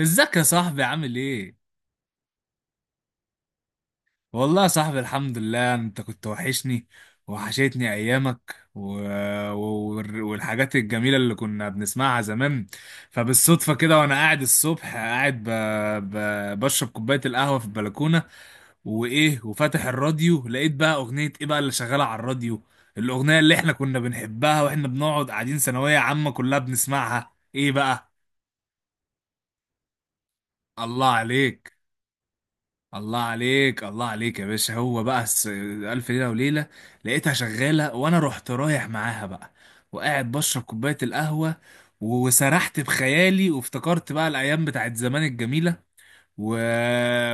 ازيك يا صاحبي، عامل ايه؟ والله يا صاحبي الحمد لله، انت كنت وحشني. وحشتني ايامك و... والحاجات الجميلة اللي كنا بنسمعها زمان. فبالصدفة كده وانا قاعد الصبح قاعد بشرب كوباية القهوة في البلكونة، وايه، وفاتح الراديو لقيت بقى اغنية ايه بقى اللي شغالة على الراديو؟ الاغنية اللي احنا كنا بنحبها واحنا بنقعد قاعدين ثانوية عامة كلها بنسمعها ايه بقى؟ الله عليك، الله عليك، الله عليك يا باشا. هو بقى ألف ليلة وليلة. لقيتها شغالة وأنا رحت رايح معاها بقى، وقاعد بشرب كوباية القهوة، وسرحت بخيالي، وافتكرت بقى الأيام بتاعت زمان الجميلة. و...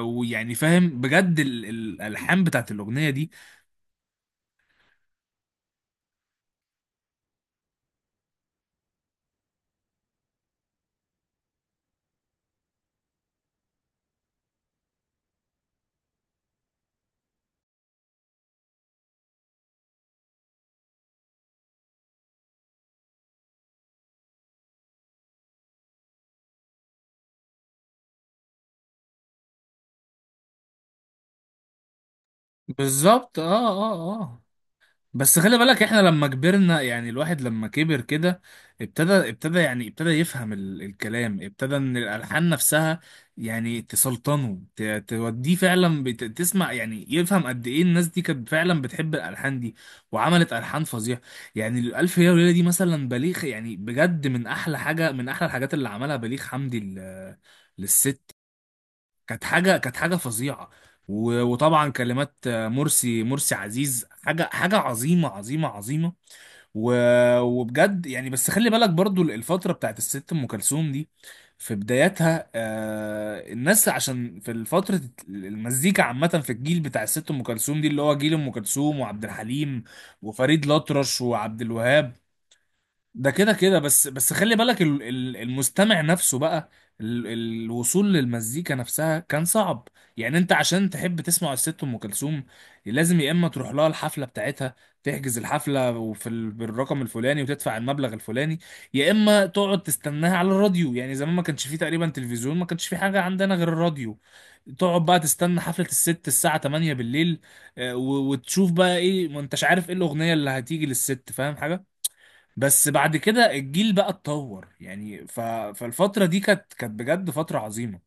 ويعني فاهم بجد الألحان بتاعت الأغنية دي. بالظبط، اه اه اه. بس خلي بالك احنا لما كبرنا، يعني الواحد لما كبر كده ابتدى، يعني ابتدى يفهم الكلام، ابتدى ان الالحان نفسها يعني تسلطنه، توديه فعلا، تسمع يعني، يفهم قد ايه الناس دي كانت فعلا بتحب الالحان دي. وعملت الحان فظيعه. يعني الالف ليله وليله دي مثلا، بليغ، يعني بجد من احلى حاجه، من احلى الحاجات اللي عملها بليغ حمدي للست. كانت حاجه، كانت حاجه فظيعه. وطبعا كلمات، مرسي مرسي عزيز، حاجه حاجه عظيمه عظيمه عظيمه. وبجد يعني. بس خلي بالك برضو، الفتره بتاعت الست ام كلثوم دي في بداياتها، الناس عشان في فتره، المزيكا عامه في الجيل بتاع الست ام كلثوم دي، اللي هو جيل ام كلثوم وعبد الحليم وفريد الأطرش وعبد الوهاب، ده كده كده. بس خلي بالك المستمع نفسه بقى، ال- الوصول للمزيكا نفسها كان صعب. يعني انت عشان تحب تسمع الست ام كلثوم، لازم يا اما تروح لها الحفله بتاعتها، تحجز الحفله وفي بالرقم الفلاني، وتدفع المبلغ الفلاني، يا اما تقعد تستناها على الراديو، يعني زمان ما كانش فيه تقريبا تلفزيون، ما كانش فيه حاجه عندنا غير الراديو. تقعد بقى تستنى حفلة الست الساعة 8 بالليل، وتشوف بقى ايه، ما انتش عارف ايه الأغنية اللي هتيجي للست، فاهم حاجة. بس بعد كده الجيل بقى اتطور يعني، فالفترة دي كانت، بجد فترة عظيمة.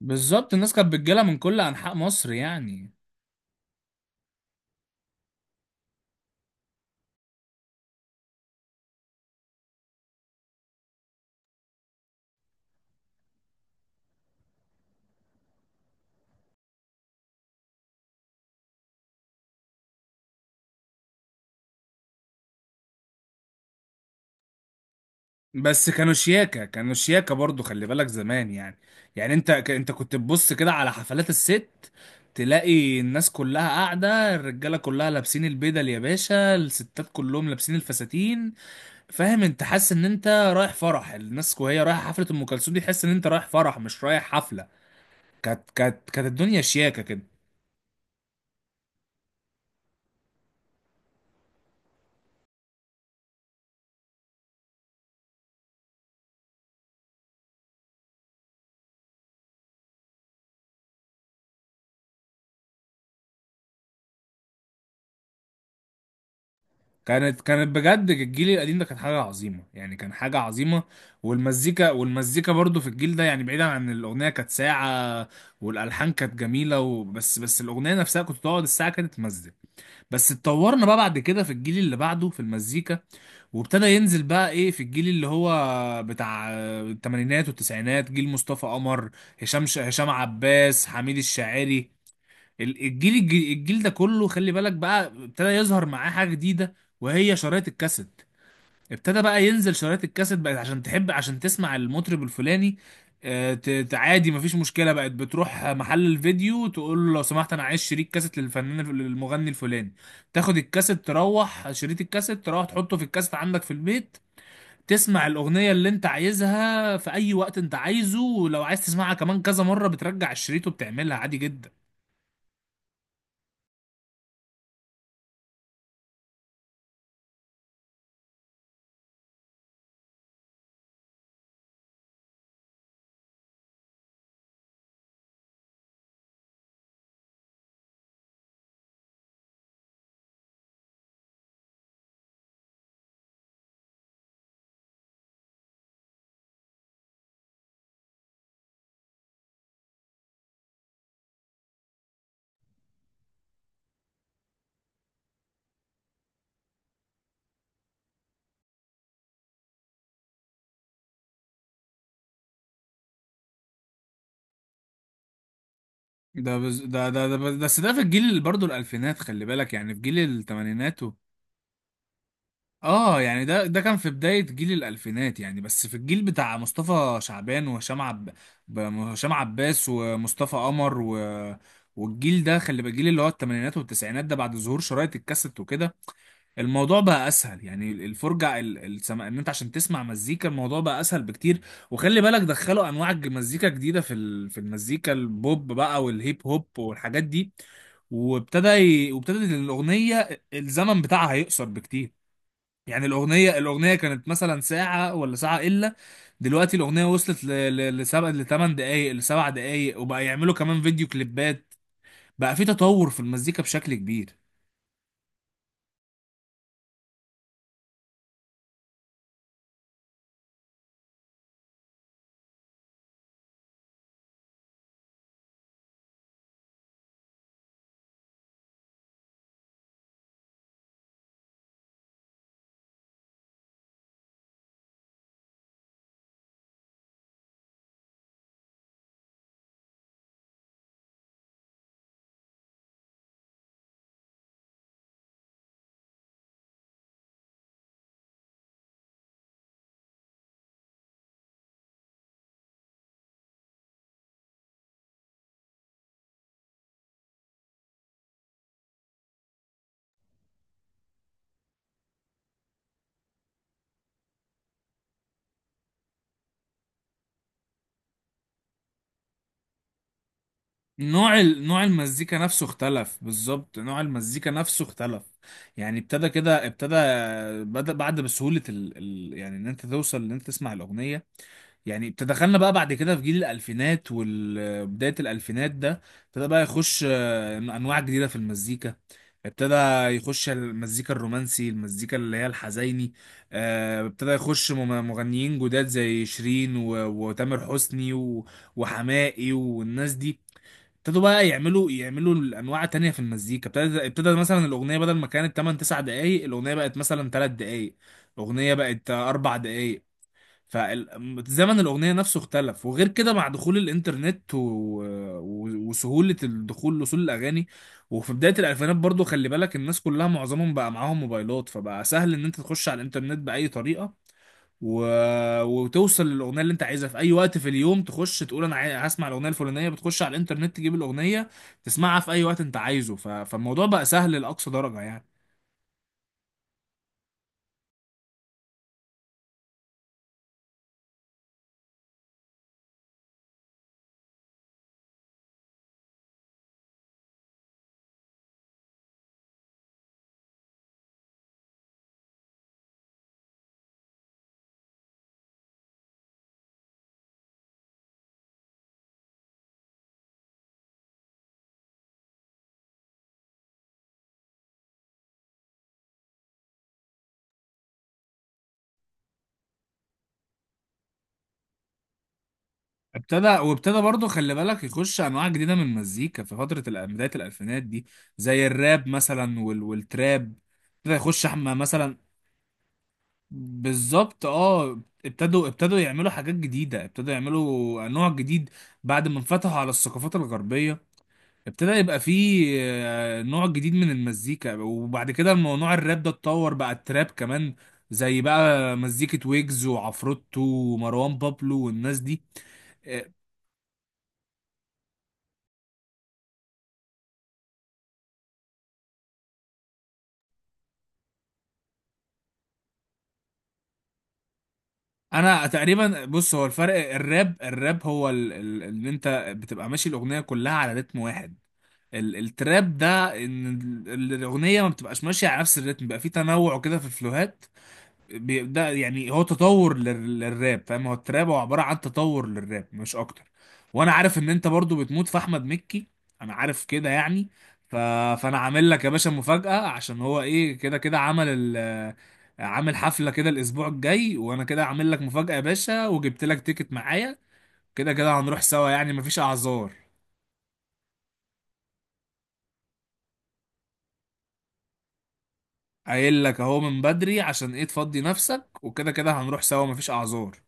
بالظبط، الناس كانت بتجيلها من كل أنحاء مصر يعني. بس كانوا شياكة، كانوا شياكة برضو، خلي بالك زمان يعني. يعني انت كنت تبص كده على حفلات الست، تلاقي الناس كلها قاعدة، الرجالة كلها لابسين البدل يا باشا، الستات كلهم لابسين الفساتين. فاهم، انت حاسس ان انت رايح فرح الناس، وهي رايحة حفلة ام كلثوم دي، تحس ان انت رايح فرح مش رايح حفلة. كانت الدنيا شياكة كده. كانت بجد الجيل القديم ده كان حاجة عظيمة، يعني كان حاجة عظيمة. والمزيكا برضو في الجيل ده يعني، بعيدا عن الأغنية كانت ساعة، والألحان كانت جميلة. وبس الأغنية نفسها، كنت تقعد الساعة كانت تمزج. بس اتطورنا بقى بعد كده، في الجيل اللي بعده في المزيكا، وابتدى ينزل بقى ايه في الجيل اللي هو بتاع الثمانينات والتسعينات، جيل مصطفى قمر، هشام عباس، حميد الشاعري. الجيل ده كله خلي بالك بقى، ابتدى يظهر معاه حاجة جديدة، وهي شرايط الكاسيت. ابتدى بقى ينزل شرايط الكاسيت، بقت عشان تحب عشان تسمع المطرب الفلاني، عادي مفيش مشكلة، بقت بتروح محل الفيديو تقول له لو سمحت انا عايز شريط كاسيت للفنان، للمغني الفلاني، تاخد الكاسيت، تروح شريط الكاسيت، تروح تحطه في الكاسيت عندك في البيت، تسمع الأغنية اللي انت عايزها في أي وقت انت عايزه، ولو عايز تسمعها كمان كذا مرة بترجع الشريط وبتعملها عادي جدا. ده بس ده في الجيل برضه الألفينات، خلي بالك يعني، في جيل التمانينات اه، يعني ده كان في بداية جيل الألفينات يعني. بس في الجيل بتاع مصطفى شعبان، هشام عباس ومصطفى قمر. والجيل ده خلي بالك، الجيل اللي هو التمانينات والتسعينات ده بعد ظهور شرايط الكاسيت وكده، الموضوع بقى اسهل يعني، الفرجه السما ان انت عشان تسمع مزيكا، الموضوع بقى اسهل بكتير. وخلي بالك دخلوا انواع مزيكا جديده في في المزيكا، البوب بقى، والهيب هوب، والحاجات دي. وابتدت الاغنيه الزمن بتاعها هيقصر بكتير. يعني الاغنيه، كانت مثلا ساعه ولا ساعه الا. دلوقتي الاغنيه وصلت لسبع لـ8 دقائق، لـ7 دقائق، وبقى يعملوا كمان فيديو كليبات. بقى في تطور في المزيكا بشكل كبير. نوع نوع المزيكا نفسه اختلف، بالظبط، نوع المزيكا نفسه اختلف. يعني ابتدى، بدأ بعد بسهولة، يعني ان انت توصل ان انت تسمع الأغنية. يعني ابتدى، دخلنا بقى بعد كده في جيل الألفينات وبداية الألفينات ده، ابتدى بقى يخش أنواع جديدة في المزيكا، ابتدى يخش المزيكا الرومانسي، المزيكا اللي هي الحزيني. ابتدى يخش مغنيين جداد زي شيرين وتامر حسني وحماقي والناس دي. ابتدوا بقى يعملوا، الانواع تانية في المزيكا. ابتدى مثلا الاغنيه بدل ما كانت 8 9 دقائق، الاغنيه بقت مثلا 3 دقائق، الاغنيه بقت 4 دقائق. فزمن الاغنيه نفسه اختلف. وغير كده، مع دخول الانترنت وسهوله الدخول لوصول الاغاني، وفي بدايه الالفينات برضو خلي بالك، الناس كلها معظمهم بقى معاهم موبايلات، فبقى سهل ان انت تخش على الانترنت باي طريقه، و... وتوصل للاغنيه اللي انت عايزها في اي وقت في اليوم. تخش تقول انا هسمع الاغنيه الفلانيه، بتخش على الانترنت تجيب الاغنيه، تسمعها في اي وقت انت عايزه. فالموضوع بقى سهل لاقصى درجه يعني. ابتدى برضه خلي بالك، يخش انواع جديده من المزيكا في فتره بدايه الالفينات دي، زي الراب مثلا والتراب، ابتدى يخش احمد مثلا. بالظبط، اه، ابتدوا يعملوا حاجات جديده، ابتدوا يعملوا نوع جديد، بعد ما انفتحوا على الثقافات الغربيه، ابتدى يبقى فيه نوع جديد من المزيكا. وبعد كده الموضوع، الراب ده اتطور بقى، التراب كمان زي بقى، مزيكة ويجز وعفروتو ومروان بابلو والناس دي. آه، انا تقريبا بص، هو الفرق الراب، هو ان انت بتبقى ماشي الاغنية كلها على رتم واحد. التراب ده ان الاغنية ما بتبقاش ماشية على نفس الرتم، بقى فيه تنوع كده في الفلوهات. ده يعني هو تطور للراب، فاهم. هو التراب هو عبارة عن تطور للراب مش اكتر. وانا عارف ان انت برضو بتموت في احمد مكي. انا عارف كده يعني. ف... فانا عامل لك يا باشا مفاجأة، عشان هو ايه كده كده، عمل ال... عامل حفلة كده الاسبوع الجاي. وانا كده عامل لك مفاجأة يا باشا، وجبت لك تيكت معايا. كده كده هنروح سوا يعني، مفيش اعذار. قايل لك اهو من بدري عشان ايه تفضي نفسك، وكده كده هنروح سوا، مفيش اعذار.